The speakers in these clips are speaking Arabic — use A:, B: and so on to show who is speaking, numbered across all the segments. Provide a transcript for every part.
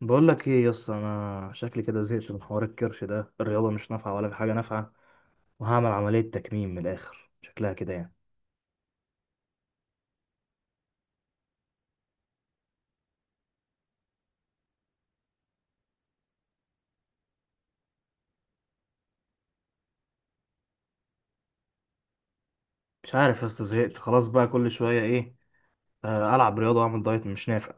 A: بقول لك ايه يا اسطى، انا شكلي كده زهقت من حوار الكرش ده. الرياضه مش نافعه ولا في حاجه نافعه، وهعمل عمليه تكميم من الاخر شكلها كده يعني. مش عارف يا اسطى، زهقت خلاص بقى. كل شويه ايه، العب رياضه واعمل دايت مش نافع.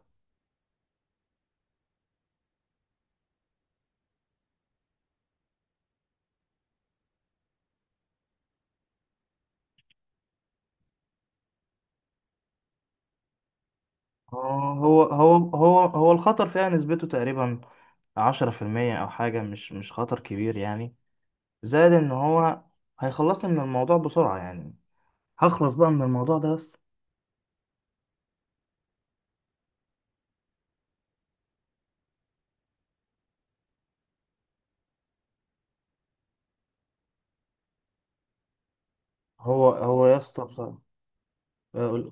A: آه، هو هو هو هو الخطر فيها نسبته تقريبا 10% او حاجه، مش مش خطر كبير يعني. زائد ان هو هيخلصني من الموضوع بسرعه يعني، هخلص بقى من الموضوع ده بس. هو يا اسطى بصراحة. آه،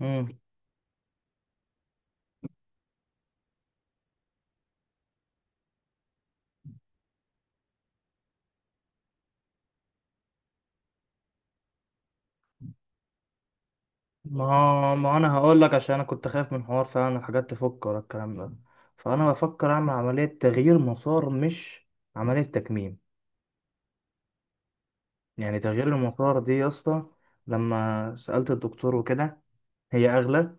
A: قول. ما انا هقول لك، عشان انا كنت خايف من حوار فعلا الحاجات تفك ولا الكلام ده. فانا بفكر اعمل عمليه تغيير مسار مش عمليه تكميم. يعني تغيير المسار دي يا اسطى، لما سالت الدكتور وكده، هي اغلى.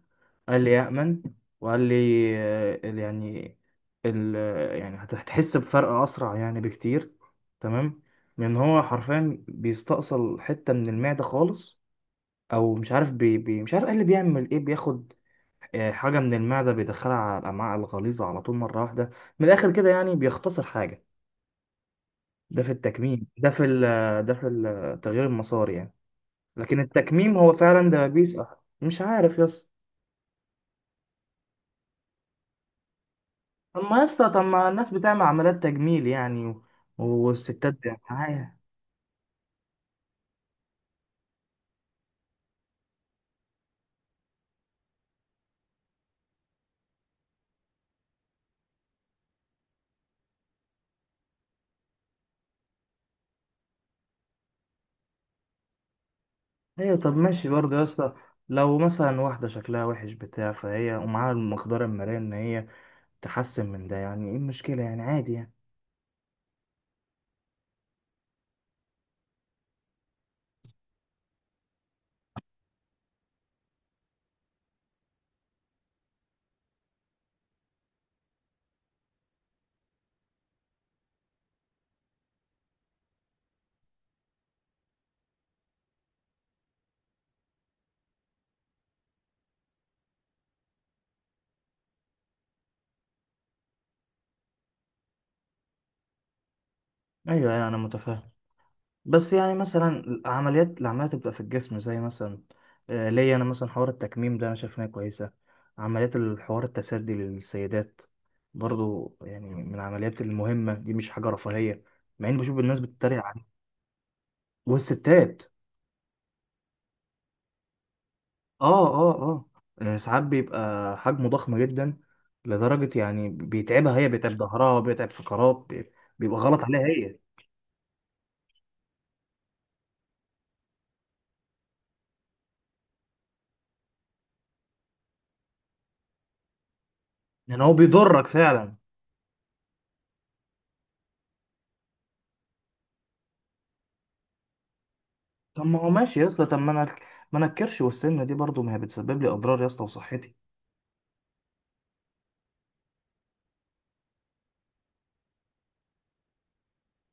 A: قال لي يامن، وقال لي يعني ال آه، يعني هتحس بفرق اسرع يعني بكتير. تمام؟ لان هو حرفيا بيستأصل حته من المعده خالص. او مش عارف، بي بي مش عارف، قال لي بيعمل ايه، بياخد حاجة من المعدة بيدخلها على الأمعاء الغليظة على طول مرة واحدة. من الآخر كده يعني، بيختصر حاجة. ده في التكميم، ده في التغيير المساري يعني. لكن التكميم هو فعلا دبابيس، مش عارف يا اسطى. طب ما يا اسطى، طب ما الناس بتعمل عمليات تجميل يعني، والستات معايا. ايوه طب ماشي برضه يا اسطى، لو مثلا واحدة شكلها وحش بتاع، فهي ومعاها المقدرة المالية إن هي تحسن من ده، يعني ايه المشكلة يعني؟ عادي يعني. ايوه، انا متفاهم. بس يعني مثلا العمليات بتبقى في الجسم، زي مثلا ليا انا مثلا حوار التكميم ده انا شايف انها كويسه. عمليات الحوار التسدي للسيدات برضو، يعني من العمليات المهمه دي، مش حاجه رفاهيه، مع اني بشوف الناس بتتريق عليه. والستات، اه اه اه، يعني ساعات بيبقى حجمه ضخم جدا لدرجه يعني بيتعبها هي، بيتعب ظهرها، بيتعب بيبقى غلط عليها هي، يعني هو بيضرك فعلا. طب ما هو ماشي يا اسطى، طب ما انا، ما انا الكرش والسمنه دي برضو ما هي بتسبب لي اضرار يا اسطى وصحتي.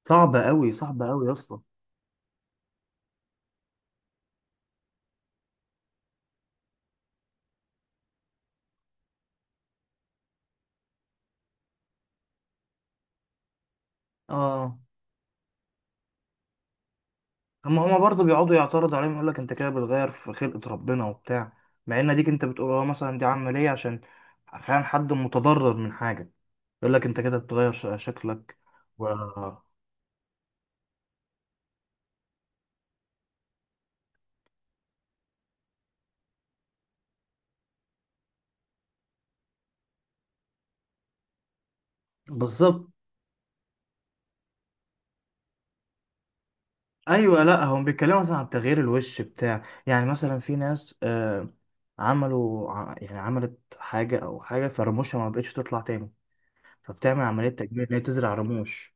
A: صعبه قوي، صعبه قوي يا اسطى. اه. طب ما هما برضو بيقعدوا يعترضوا عليهم، يقول لك انت كده بتغير في خلقه ربنا وبتاع، مع ان ديك انت بتقول اه مثلا دي عمليه عشان فعلا حد متضرر من حاجه، يقول لك انت كده بتغير شكلك و... بالظبط. ايوه، لا هم بيتكلموا مثلا عن تغيير الوش بتاع، يعني مثلا في ناس آه يعني عملت حاجه، او حاجه فرموشها ما بقتش تطلع تاني، فبتعمل عملية تجميل إن هي تزرع رموش.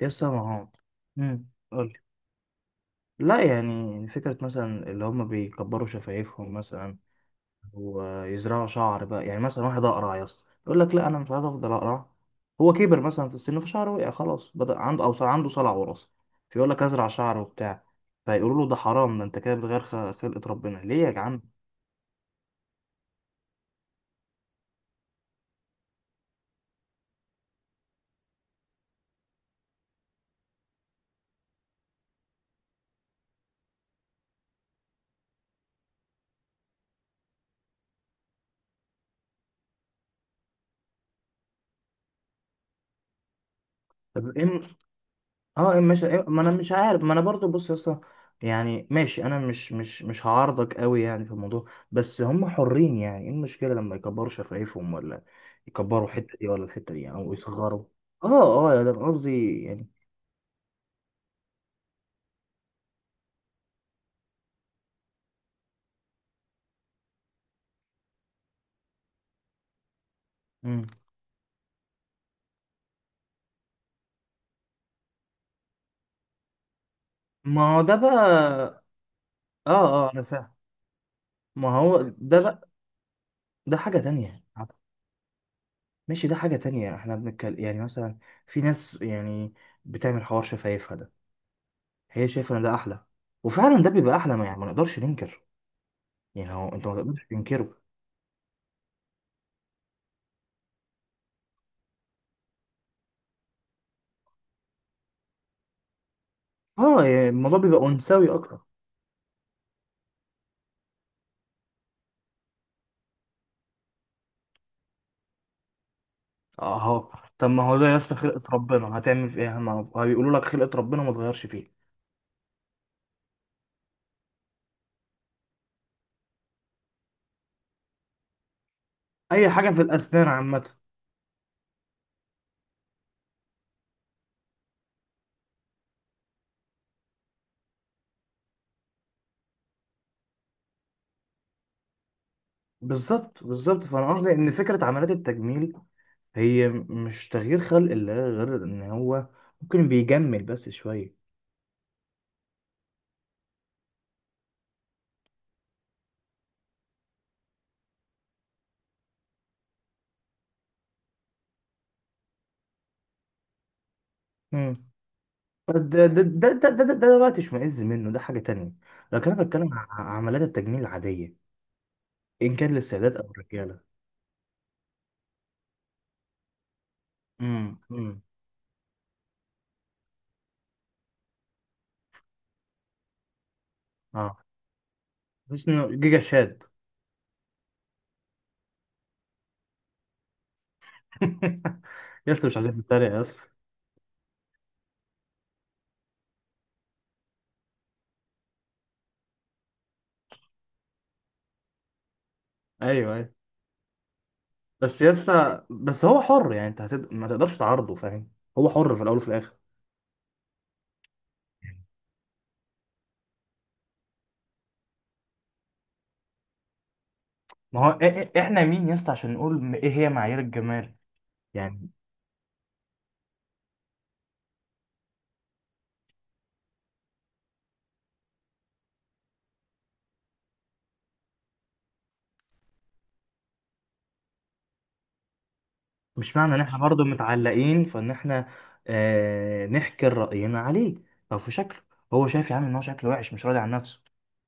A: يس ما هو، امم، قولي. لا، يعني فكرة مثلا اللي هم بيكبروا شفايفهم مثلا ويزرعوا شعر بقى، يعني مثلا واحد أقرع يا اسطى يقول لك لا أنا مش عايز أفضل أقرع، هو كبر مثلا في السن فشعره وقع خلاص، بدأ عنده أو صار عنده صلع وراثي، فيقول لك أزرع شعر وبتاع، فيقولوا له ده حرام، ده أنت كده بتغير خلقة ربنا، ليه يا جعان؟ طب إيه. اه مش ما انا مش عارف، ما انا برضو بص يا اسطى، يعني ماشي، انا مش هعارضك قوي يعني في الموضوع، بس هم حرين، يعني ايه المشكله لما يكبروا شفايفهم، ولا يكبروا الحته دي ولا الحته دي يعني، او يصغروا؟ اه اه، يعني أنا قصدي يعني. مم. ما هو ده بقى. اه اه انا فاهم. ما هو ده بقى ده حاجه تانية. ماشي، ده حاجه تانية. احنا بنتكلم يعني مثلا في ناس يعني بتعمل حوار شفايفها ده، هي شايفه ان ده احلى، وفعلا ده بيبقى احلى، ما يعني ما نقدرش ننكر، يعني هو انت ما تقدرش تنكره. اه، يعني الموضوع بيبقى انثوي اكتر. اه. طب ما هو ده يا اسطى، خلقة ربنا هتعمل في ايه؟ ما هيقولوا لك خلقة ربنا ما تغيرش فيه. اي حاجة في الاسنان عامة. بالظبط، بالظبط. فانا قصدي ان فكرة عمليات التجميل هي مش تغيير خلق الله، غير ان هو ممكن بيجمل بس شوية. مم. ده ده ده ده بقى تشمئز منه ده حاجة تانية، لكن انا بتكلم عن عمليات التجميل العادية، ان كان للسيدات او الرجالة. امم. اه، اسمه جيجا شاد. يا اسطى مش عايزين نتريق يا اسطى. ايوه ايوه. بس يا اسطى، بس هو حر يعني، انت ما تقدرش تعارضه، فاهم؟ هو حر في الاول وفي الاخر. ما هو احنا مين يا اسطى عشان نقول ايه هي معايير الجمال؟ يعني مش معنى ان احنا برضه متعلقين فان احنا نحكر رأينا عليه او في شكله. هو شايف يا عم ان هو شكله وحش، مش راضي عن نفسه.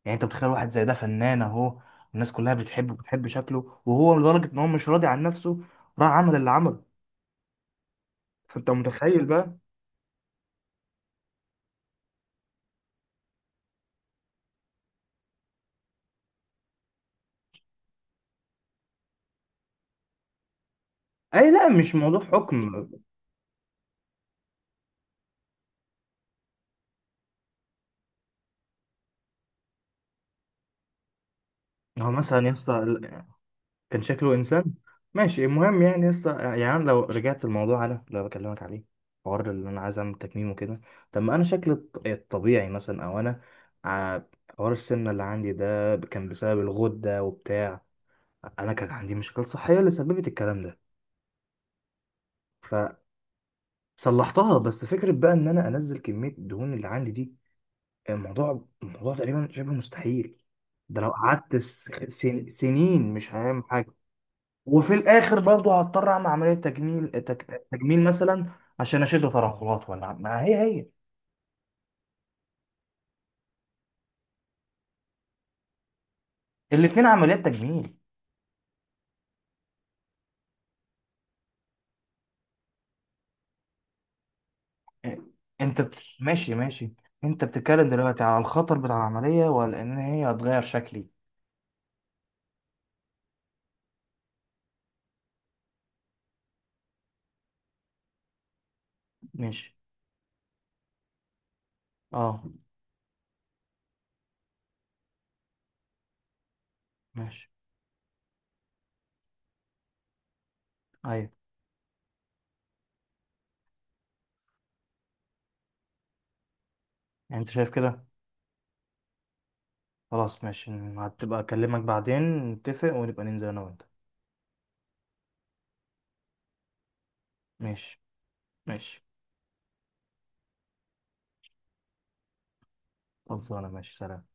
A: يعني انت بتخيل واحد زي ده فنان اهو، الناس كلها بتحبه، بتحب شكله، وهو لدرجة ان هو مش راضي عن نفسه، راح عمل اللي عمله، فانت متخيل بقى. اي لا، مش موضوع حكم. هو مثلا يا اسطى كان شكله انسان. ماشي، المهم يعني يا اسطى، يعني أنا لو رجعت الموضوع انا اللي أنا بكلمك عليه، حوار اللي انا عايز اعمل تكميم وكده، طب ما انا شكلي الطبيعي مثلا، او انا ع- حوار السمنه اللي عندي ده كان بسبب الغده وبتاع، انا كان عندي مشاكل صحيه اللي سببت الكلام ده فصلحتها. بس فكره بقى ان انا انزل كميه الدهون اللي عندي دي، الموضوع تقريبا شبه مستحيل. ده لو قعدت سنين مش هعمل حاجة. وفي الآخر برضه هضطر أعمل عملية تجميل، تجميل مثلا عشان أشد ترهلات، ولا ما هي هي. الاتنين عمليات تجميل. أنت ماشي ماشي. أنت بتتكلم دلوقتي على الخطر بتاع العملية، ولا إن هي هتغير شكلي؟ ماشي. أه ماشي. أيوه. يعني أنت شايف كده؟ خلاص ماشي، هتبقى أكلمك بعدين نتفق ونبقى ننزل أنا وأنت. ماشي ماشي. خلصانة، ماشي، سلام.